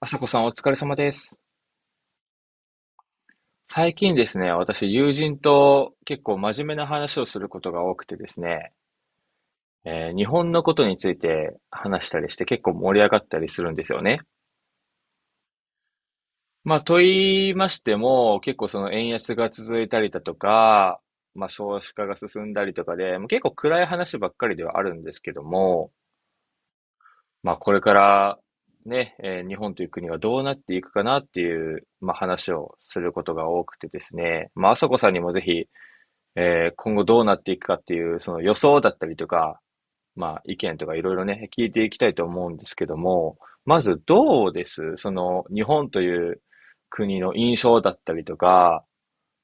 朝子さんお疲れ様です。最近ですね、私友人と結構真面目な話をすることが多くてですね、日本のことについて話したりして結構盛り上がったりするんですよね。まあ、と言いましても、結構その円安が続いたりだとか、まあ、少子化が進んだりとかで、もう結構暗い話ばっかりではあるんですけども、まあ、これからね、日本という国がどうなっていくかなっていう、まあ、話をすることが多くてですね、まあ、朝子さんにもぜひ、今後どうなっていくかっていう、その予想だったりとか、まあ意見とかいろいろね、聞いていきたいと思うんですけども、まずどうですその日本という国の印象だったりとか、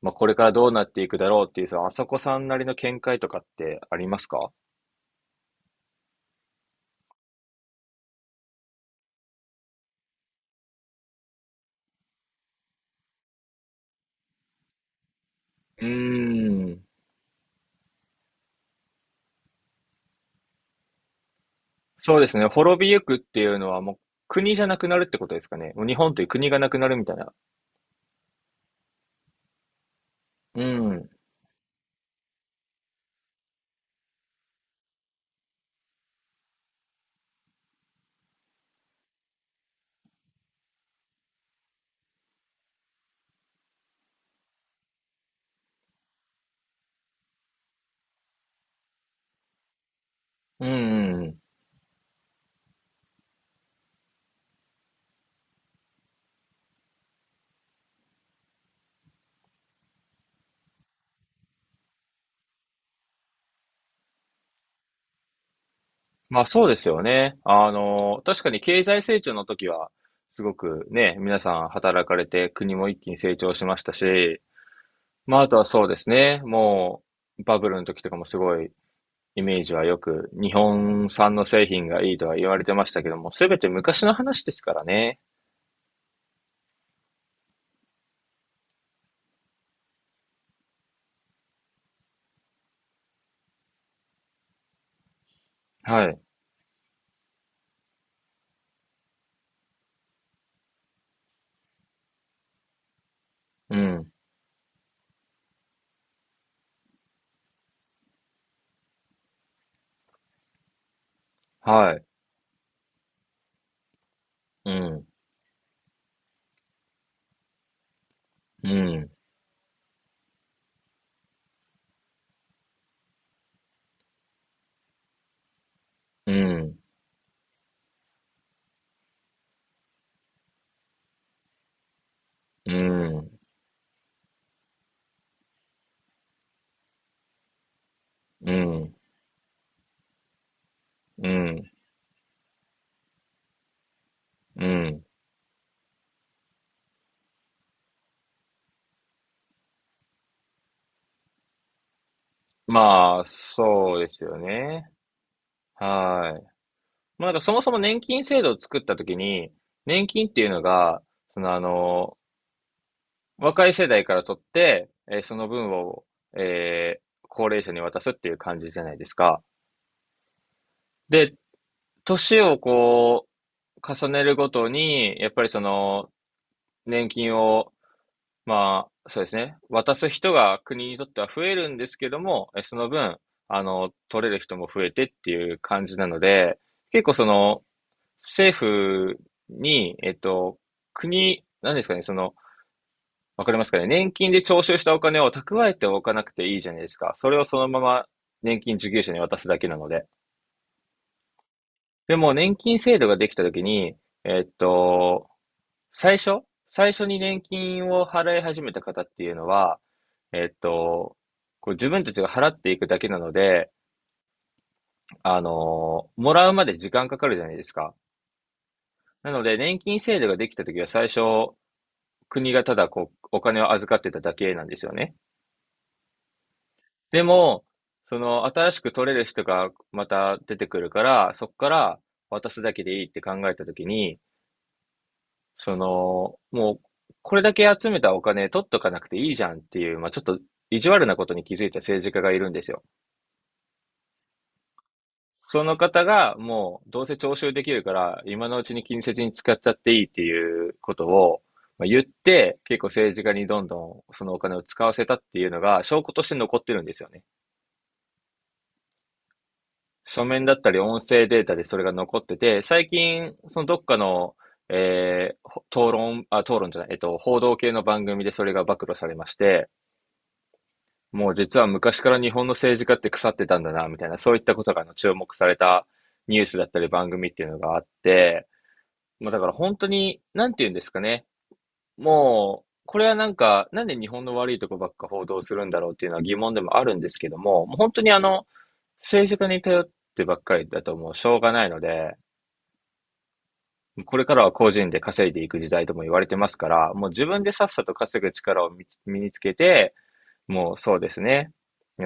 まあこれからどうなっていくだろうっていう、そのあさこさんなりの見解とかってありますか。うーん。そうですね。滅びゆくっていうのはもう国じゃなくなるってことですかね。もう日本という国がなくなるみたいな。うん。うん、うん。まあそうですよね。あの、確かに経済成長の時は、すごくね、皆さん働かれて国も一気に成長しましたし、まああとはそうですね、もうバブルの時とかもすごいイメージはよく日本産の製品がいいとは言われてましたけども、すべて昔の話ですからね。はい。うん。はい。うん。うん。うん。うん。うん。うん。うん。まあ、そうですよね。はい。まあ、なんかそもそも年金制度を作ったときに、年金っていうのが、そのあの、若い世代から取って、その分を、えー高齢者に渡すっていう感じじゃないですか。で、年をこう、重ねるごとに、やっぱりその、年金を、まあ、そうですね、渡す人が国にとっては増えるんですけども、えその分、あの、取れる人も増えてっていう感じなので、結構その、政府に、国、何ですかね、その、わかりますかね、年金で徴収したお金を蓄えておかなくていいじゃないですか。それをそのまま年金受給者に渡すだけなので。でも、年金制度ができたときに、えっと、最初、最初に年金を払い始めた方っていうのは、えっと、こう自分たちが払っていくだけなので、あの、もらうまで時間かかるじゃないですか。なので、年金制度ができたときは最初、国がただこう、お金を預かってただけなんですよね。でも、その、新しく取れる人がまた出てくるから、そこから渡すだけでいいって考えたときに、その、もう、これだけ集めたお金取っとかなくていいじゃんっていう、まあ、ちょっと意地悪なことに気づいた政治家がいるんですよ。その方がもうどうせ徴収できるから今のうちに近接に使っちゃっていいっていうことを言って結構政治家にどんどんそのお金を使わせたっていうのが証拠として残ってるんですよね。書面だったり音声データでそれが残ってて、最近、そのどっかの、えー討論、あ、討論じゃない、報道系の番組でそれが暴露されまして、もう実は昔から日本の政治家って腐ってたんだな、みたいな、そういったことがあの注目されたニュースだったり番組っていうのがあって、まあだから本当に、なんて言うんですかね。もう、これはなんか、なんで日本の悪いとこばっか報道するんだろうっていうのは疑問でもあるんですけども、もう本当にあの、政治家に頼ってばっかりだともうしょうがないので、これからは個人で稼いでいく時代とも言われてますから、もう自分でさっさと稼ぐ力を身につけて、もうそうですね、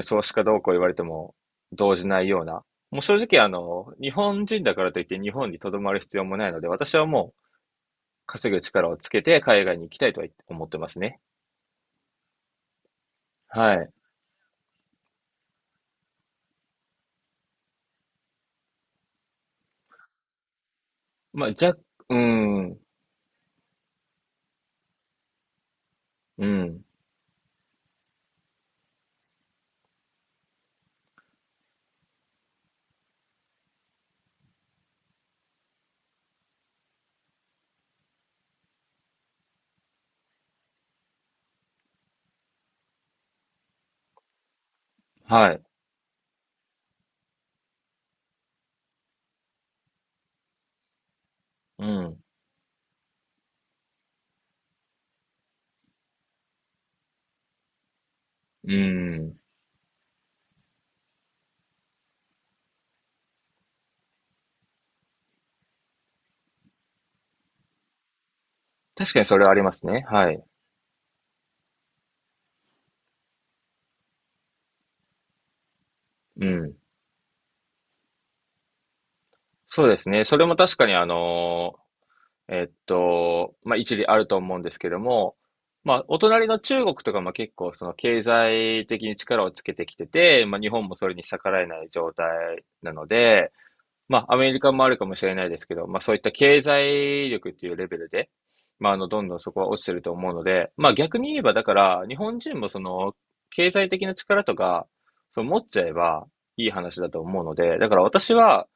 少子化どうこう言われても動じないような、もう正直あの、日本人だからといって日本に留まる必要もないので、私はもう稼ぐ力をつけて海外に行きたいとは思ってますね。はい。まあ、じゃ、うん、うん、はい、うん、うん。確かにそれはありますね。はい、うん。そうですね。それも確かにあの、まあ、一理あると思うんですけども、まあ、お隣の中国とかも結構その経済的に力をつけてきてて、まあ、日本もそれに逆らえない状態なので、まあ、アメリカもあるかもしれないですけど、まあ、そういった経済力っていうレベルで、まあ、あの、どんどんそこは落ちてると思うので、まあ、逆に言えば、だから、日本人もその、経済的な力とか、その持っちゃえばいい話だと思うので、だから私は、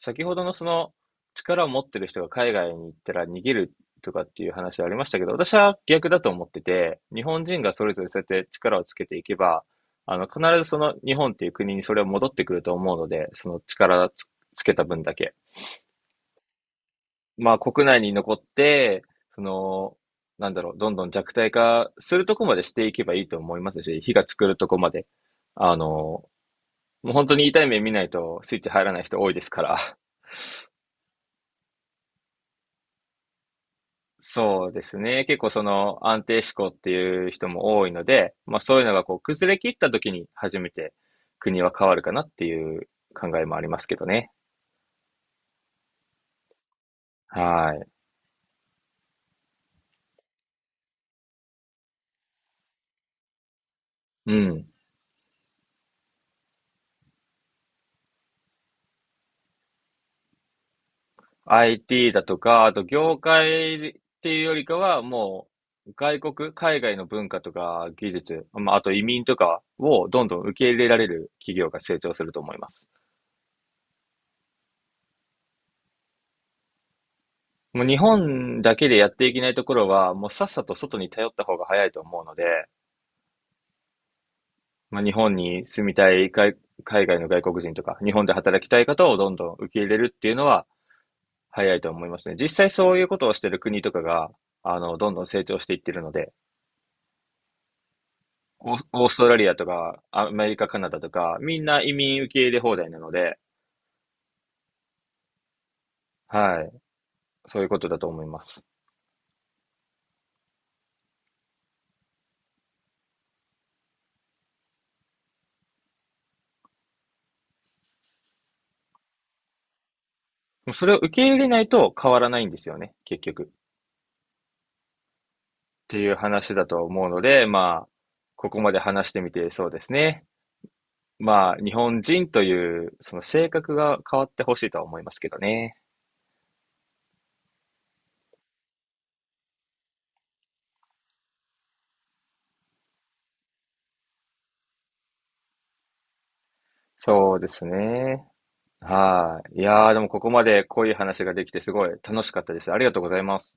先ほどのその力を持ってる人が海外に行ったら逃げるとかっていう話ありましたけど、私は逆だと思ってて、日本人がそれぞれそうやって力をつけていけば、あの、必ずその日本っていう国にそれは戻ってくると思うので、その力つ、つけた分だけ。まあ国内に残って、その、なんだろう、どんどん弱体化するとこまでしていけばいいと思いますし、火が作るとこまで。あの、もう本当に痛い目見ないとスイッチ入らない人多いですから。そうですね。結構その安定志向っていう人も多いので、まあそういうのがこう崩れ切った時に初めて国は変わるかなっていう考えもありますけどね。はい。うん。IT だとか、あと業界っていうよりかはもう外国、海外の文化とか技術、まああと移民とかをどんどん受け入れられる企業が成長すると思います。もう日本だけでやっていけないところはもうさっさと外に頼った方が早いと思うので、まあ、日本に住みたい海、海外の外国人とか、日本で働きたい方をどんどん受け入れるっていうのは早いと思いますね。実際そういうことをしてる国とかが、あの、どんどん成長していってるので、オーオーストラリアとか、アメリカ、カナダとか、みんな移民受け入れ放題なので、はい、そういうことだと思います。でもそれを受け入れないと変わらないんですよね、結局。っていう話だと思うので、まあ、ここまで話してみてそうですね。まあ、日本人という、その性格が変わってほしいとは思いますけどね。そうですね。はい。いやー、でもここまで濃い話ができてすごい楽しかったです。ありがとうございます。